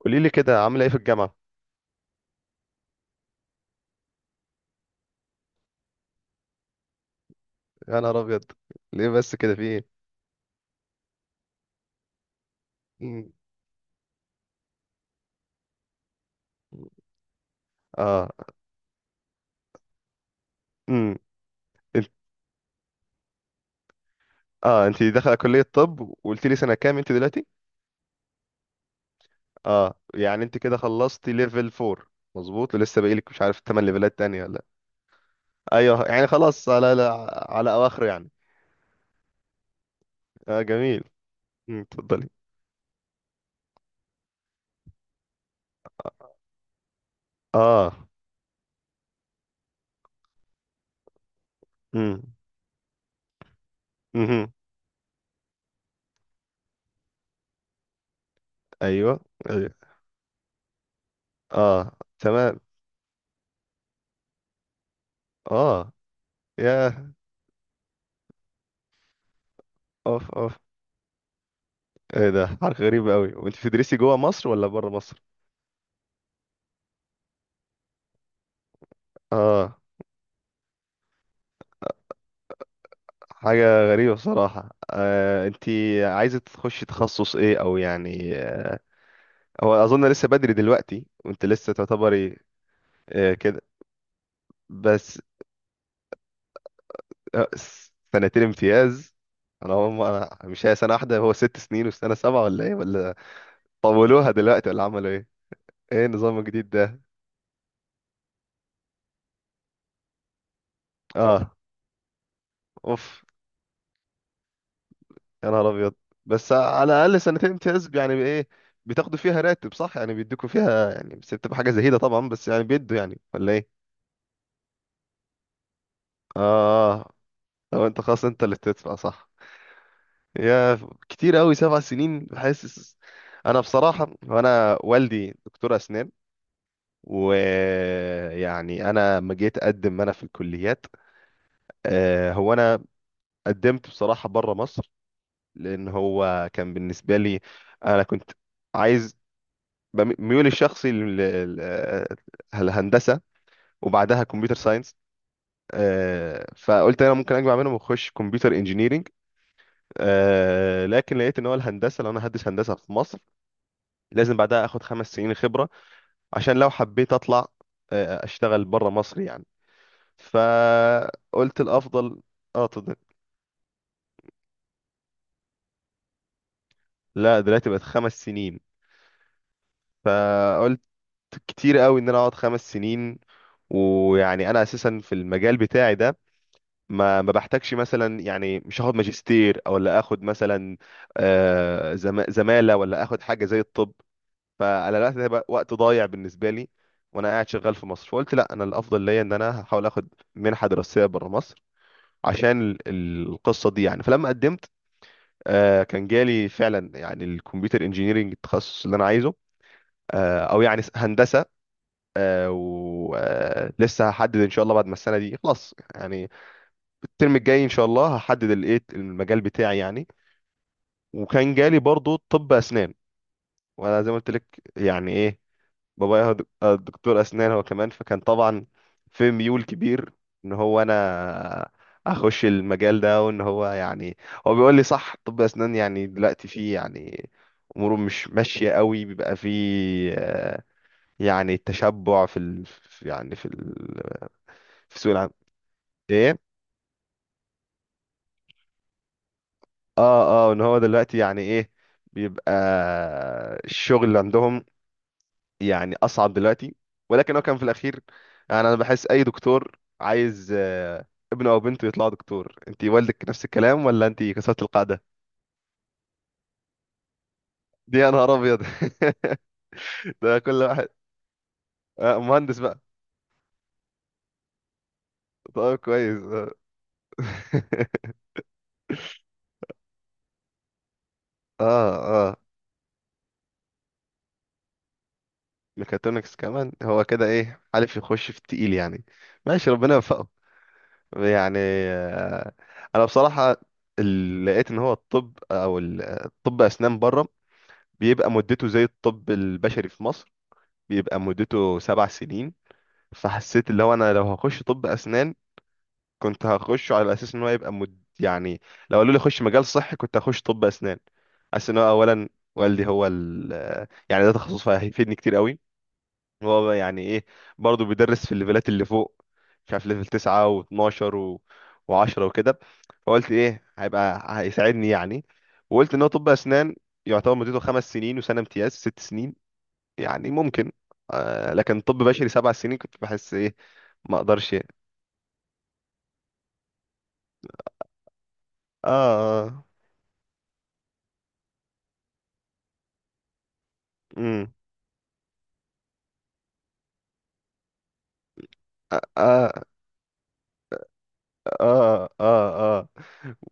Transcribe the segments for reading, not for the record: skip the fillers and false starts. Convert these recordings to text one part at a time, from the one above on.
قولي لي كده عامله ايه في الجامعه. يا نهار ابيض، ليه بس كده؟ في ايه؟ مم. اه. امم. انت- اه، انت داخله كليه طب، وقلت لي سنه كام انت دلوقتي؟ اه، يعني انت كده خلصتي ليفل 4؟ مظبوط، لسه باقي لك مش عارف 8 ليفلات تانية ولا؟ ايوه، يعني خلاص على على, اواخره يعني. اه جميل. مم، اتفضلي. اه. امم. امم. ايوه. ايوه. اه تمام. اه. يا. اوف اوف، ايه ده حركه غريبه قوي؟ وانت بتدرسي جوه مصر ولا بره مصر؟ اه حاجة غريبة بصراحة. انتي عايزة تخشي تخصص ايه، او يعني هو اظن لسه بدري دلوقتي وانت لسه تعتبري كده بس. سنتين امتياز. انا هم، أنا مش هي سنة واحدة، هو 6 سنين والسنة سبعة، ولا ايه، ولا طولوها دلوقتي ولا عملوا ايه؟ ايه النظام الجديد ده؟ اه اوف. يا نهار ابيض. بس على الاقل سنتين امتياز يعني ايه؟ بتاخدوا فيها راتب صح؟ يعني بيدوكوا فيها يعني، بس بتبقى حاجة زهيدة طبعا، بس يعني بيدوا يعني ولا ايه؟ اه. آه. لو انت خلاص انت اللي بتدفع صح. يا، كتير قوي 7 سنين بحس. انا بصراحه وانا والدي دكتور اسنان، ويعني انا لما جيت اقدم انا في الكليات، هو انا قدمت بصراحه بره مصر، لان هو كان بالنسبه لي. انا كنت عايز، ميولي الشخصي لل الهندسه وبعدها كمبيوتر ساينس. فقلت انا ممكن اجمع منهم واخش كمبيوتر انجينيرنج. آه، لكن لقيت ان هو الهندسه، لو انا هدرس هندسه في مصر، لازم بعدها اخد 5 سنين خبره عشان لو حبيت اطلع اشتغل بره مصر يعني. فقلت الافضل. اه تض- لا، دلوقتي بقت 5 سنين. فقلت كتير قوي ان انا اقعد 5 سنين. ويعني انا اساسا في المجال بتاعي ده ما بحتاجش مثلا، يعني مش هاخد ماجستير او لا اخد مثلا زماله ولا اخد حاجه زي الطب. فعلى الوقت ده بقى وقت ضايع بالنسبه لي، وانا قاعد شغال في مصر. فقلت لا، انا الافضل ليا ان انا هحاول اخد منحه دراسيه بره مصر عشان القصه دي يعني. فلما قدمت كان جالي فعلا يعني الكمبيوتر انجينيرنج، التخصص اللي انا عايزه، او يعني هندسه. ولسه هحدد ان شاء الله بعد ما السنه دي خلاص يعني، الترم الجاي ان شاء الله هحدد الايه المجال بتاعي يعني. وكان جالي برضو طب اسنان. وانا زي ما قلت لك، يعني ايه، بابايا هو دكتور اسنان هو كمان. فكان طبعا في ميول كبير ان هو انا اخش المجال ده، وان هو يعني هو بيقول لي صح، طب اسنان يعني دلوقتي فيه يعني اموره مش ماشيه قوي، بيبقى فيه آه، يعني تشبع في ال... في، يعني في ال... في سوق العمل. ايه. اه اه، ان هو دلوقتي يعني ايه بيبقى الشغل اللي عندهم يعني اصعب دلوقتي. ولكن هو كان في الاخير، يعني انا بحس اي دكتور عايز ابنه او بنته يطلع دكتور. انت والدك نفس الكلام ولا انت كسرت القاعده دي؟ يا نهار ابيض. ده كل واحد. مهندس بقى. طيب كويس اه. اه، آه. ميكاترونكس كمان، هو كده ايه حالف يخش في التقيل يعني. ماشي ربنا يوفقه. يعني انا بصراحه لقيت ان هو الطب او الطب اسنان بره بيبقى مدته زي الطب البشري في مصر، بيبقى مدته 7 سنين. فحسيت اللي هو انا لو هخش طب اسنان، كنت هخشه على اساس ان هو يبقى مد... يعني لو قالوا لي خش مجال صحي كنت هخش طب اسنان. حاسس ان هو اولا والدي هو ال... يعني ده تخصص فهيفيدني كتير قوي. هو بقى يعني ايه، برضه بيدرس في الليفلات اللي فوق، مش عارف ليفل 9 و12 و... و10 وكده. فقلت ايه هيبقى هيساعدني يعني. وقلت ان هو طب اسنان يعتبر مدته 5 سنين وسنه امتياز 6 سنين، يعني ممكن. آه، لكن طب بشري 7 سنين كنت بحس ايه ما اقدرش. اه. امم. اه اه اه اه،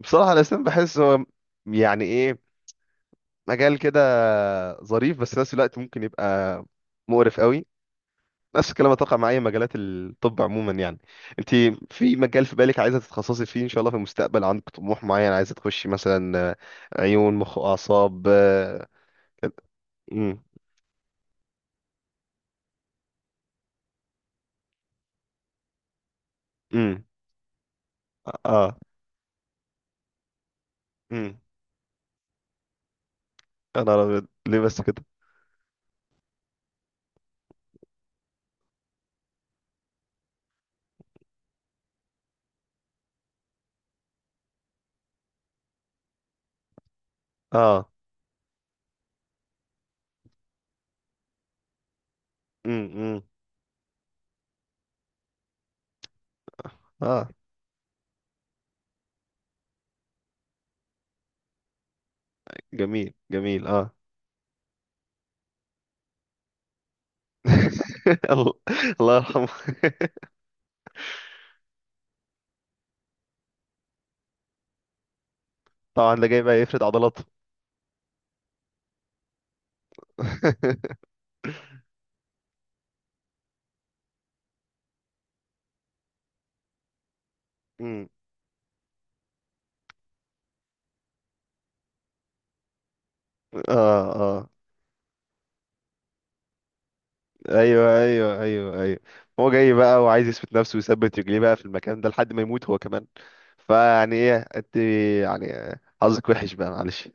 بصراحة الأسنان بحس هو يعني ايه مجال كده ظريف، بس في نفس الوقت ممكن يبقى مقرف قوي. نفس الكلام اتوقع مع اي مجالات الطب عموما يعني. انت في مجال في بالك عايزة تتخصصي فيه ان شاء الله في المستقبل؟ عندك طموح معين؟ عايزة تخشي مثلا عيون، مخ، اعصاب؟ امم. امم. اه. مم. يا نهار أبيض، ليه بس كده؟ اه. امم. اه جميل جميل اه. الله. الله يرحمه. طبعا ده جاي بقى يفرد عضلاته. أمم. اه اه. ايوه ايوه ايوه ايوه، هو جاي بقى وعايز يثبت نفسه ويثبت رجليه بقى في المكان ده لحد ما يموت هو كمان. فيعني ايه انت، يعني حظك وحش بقى معلش.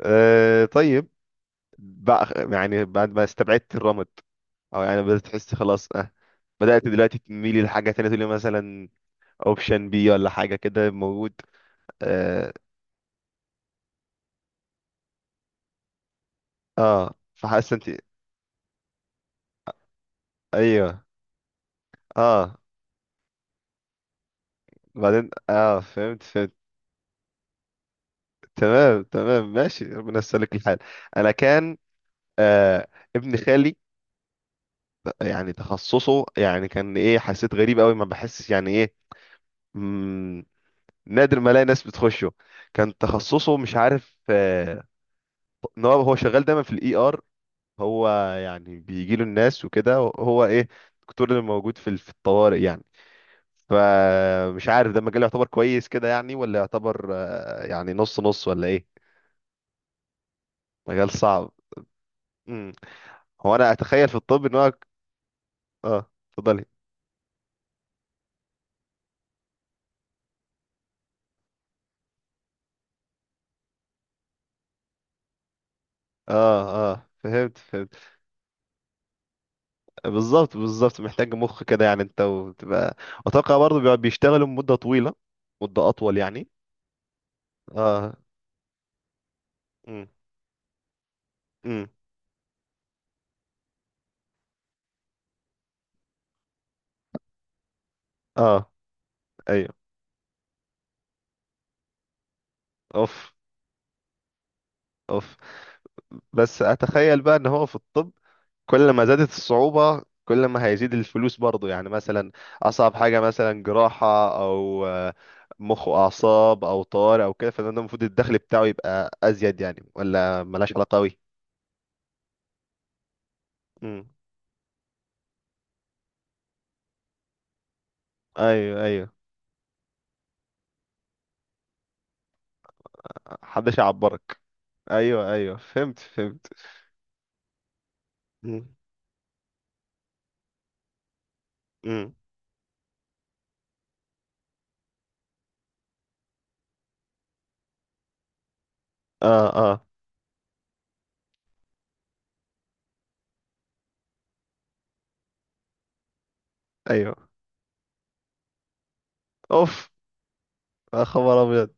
آه طيب. بقى يعني بعد ما استبعدت الرمد، او يعني بدأت تحس خلاص بدأت دلوقتي تميلي لحاجة تانية، تقولي مثلا اوبشن بي ولا حاجة كده موجود؟ اه، آه. فحاسة انت. ايوه اه بعدين، اه فهمت فهمت. تمام تمام، ماشي ربنا يسلك الحال. انا كان آه ابن خالي يعني تخصصه، يعني كان ايه حسيت غريب قوي، ما بحس يعني ايه، مم، نادر ما الاقي ناس بتخشه. كان تخصصه مش عارف ان هو هو شغال دايما في الاي ار. هو يعني بيجي له الناس وكده، هو ايه الدكتور اللي موجود في في الطوارئ يعني. فمش عارف ده مجال يعتبر كويس كده يعني، ولا يعتبر يعني نص نص ولا ايه؟ مجال صعب. امم. هو انا اتخيل في الطب ان هو اه اتفضلي. اه اه فهمت فهمت. بالظبط بالظبط، محتاج مخ كده يعني انت وتبقى. اتوقع برضه بيشتغلوا مدة طويلة، مدة اطول يعني. اه. امم. امم. اه. ايوه. اوف اوف. بس اتخيل بقى ان هو في الطب كل ما زادت الصعوبة كل ما هيزيد الفلوس برضو يعني. مثلا أصعب حاجة مثلا جراحة، أو مخ وأعصاب، أو طوارئ أو كده، فده المفروض الدخل بتاعه يبقى أزيد يعني، ولا ملهاش علاقة أوي؟ مم. أيوه أيوه. محدش يعبرك. أيوه أيوه فهمت فهمت. مم. مم. آه آه. أيوه. أوف. يا خبر أبيض.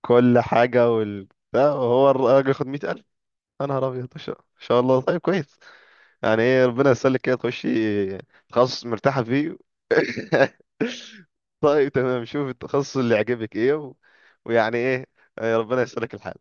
كل حاجة، وال ده هو الراجل ياخد 100,000. يا نهار أبيض، إن شاء الله. طيب كويس. يعني ايه ربنا يسلك كده، تخشي تخصص مرتاحة فيه. طيب تمام، شوف التخصص اللي يعجبك ايه و... ويعني ايه ربنا يسلك الحال.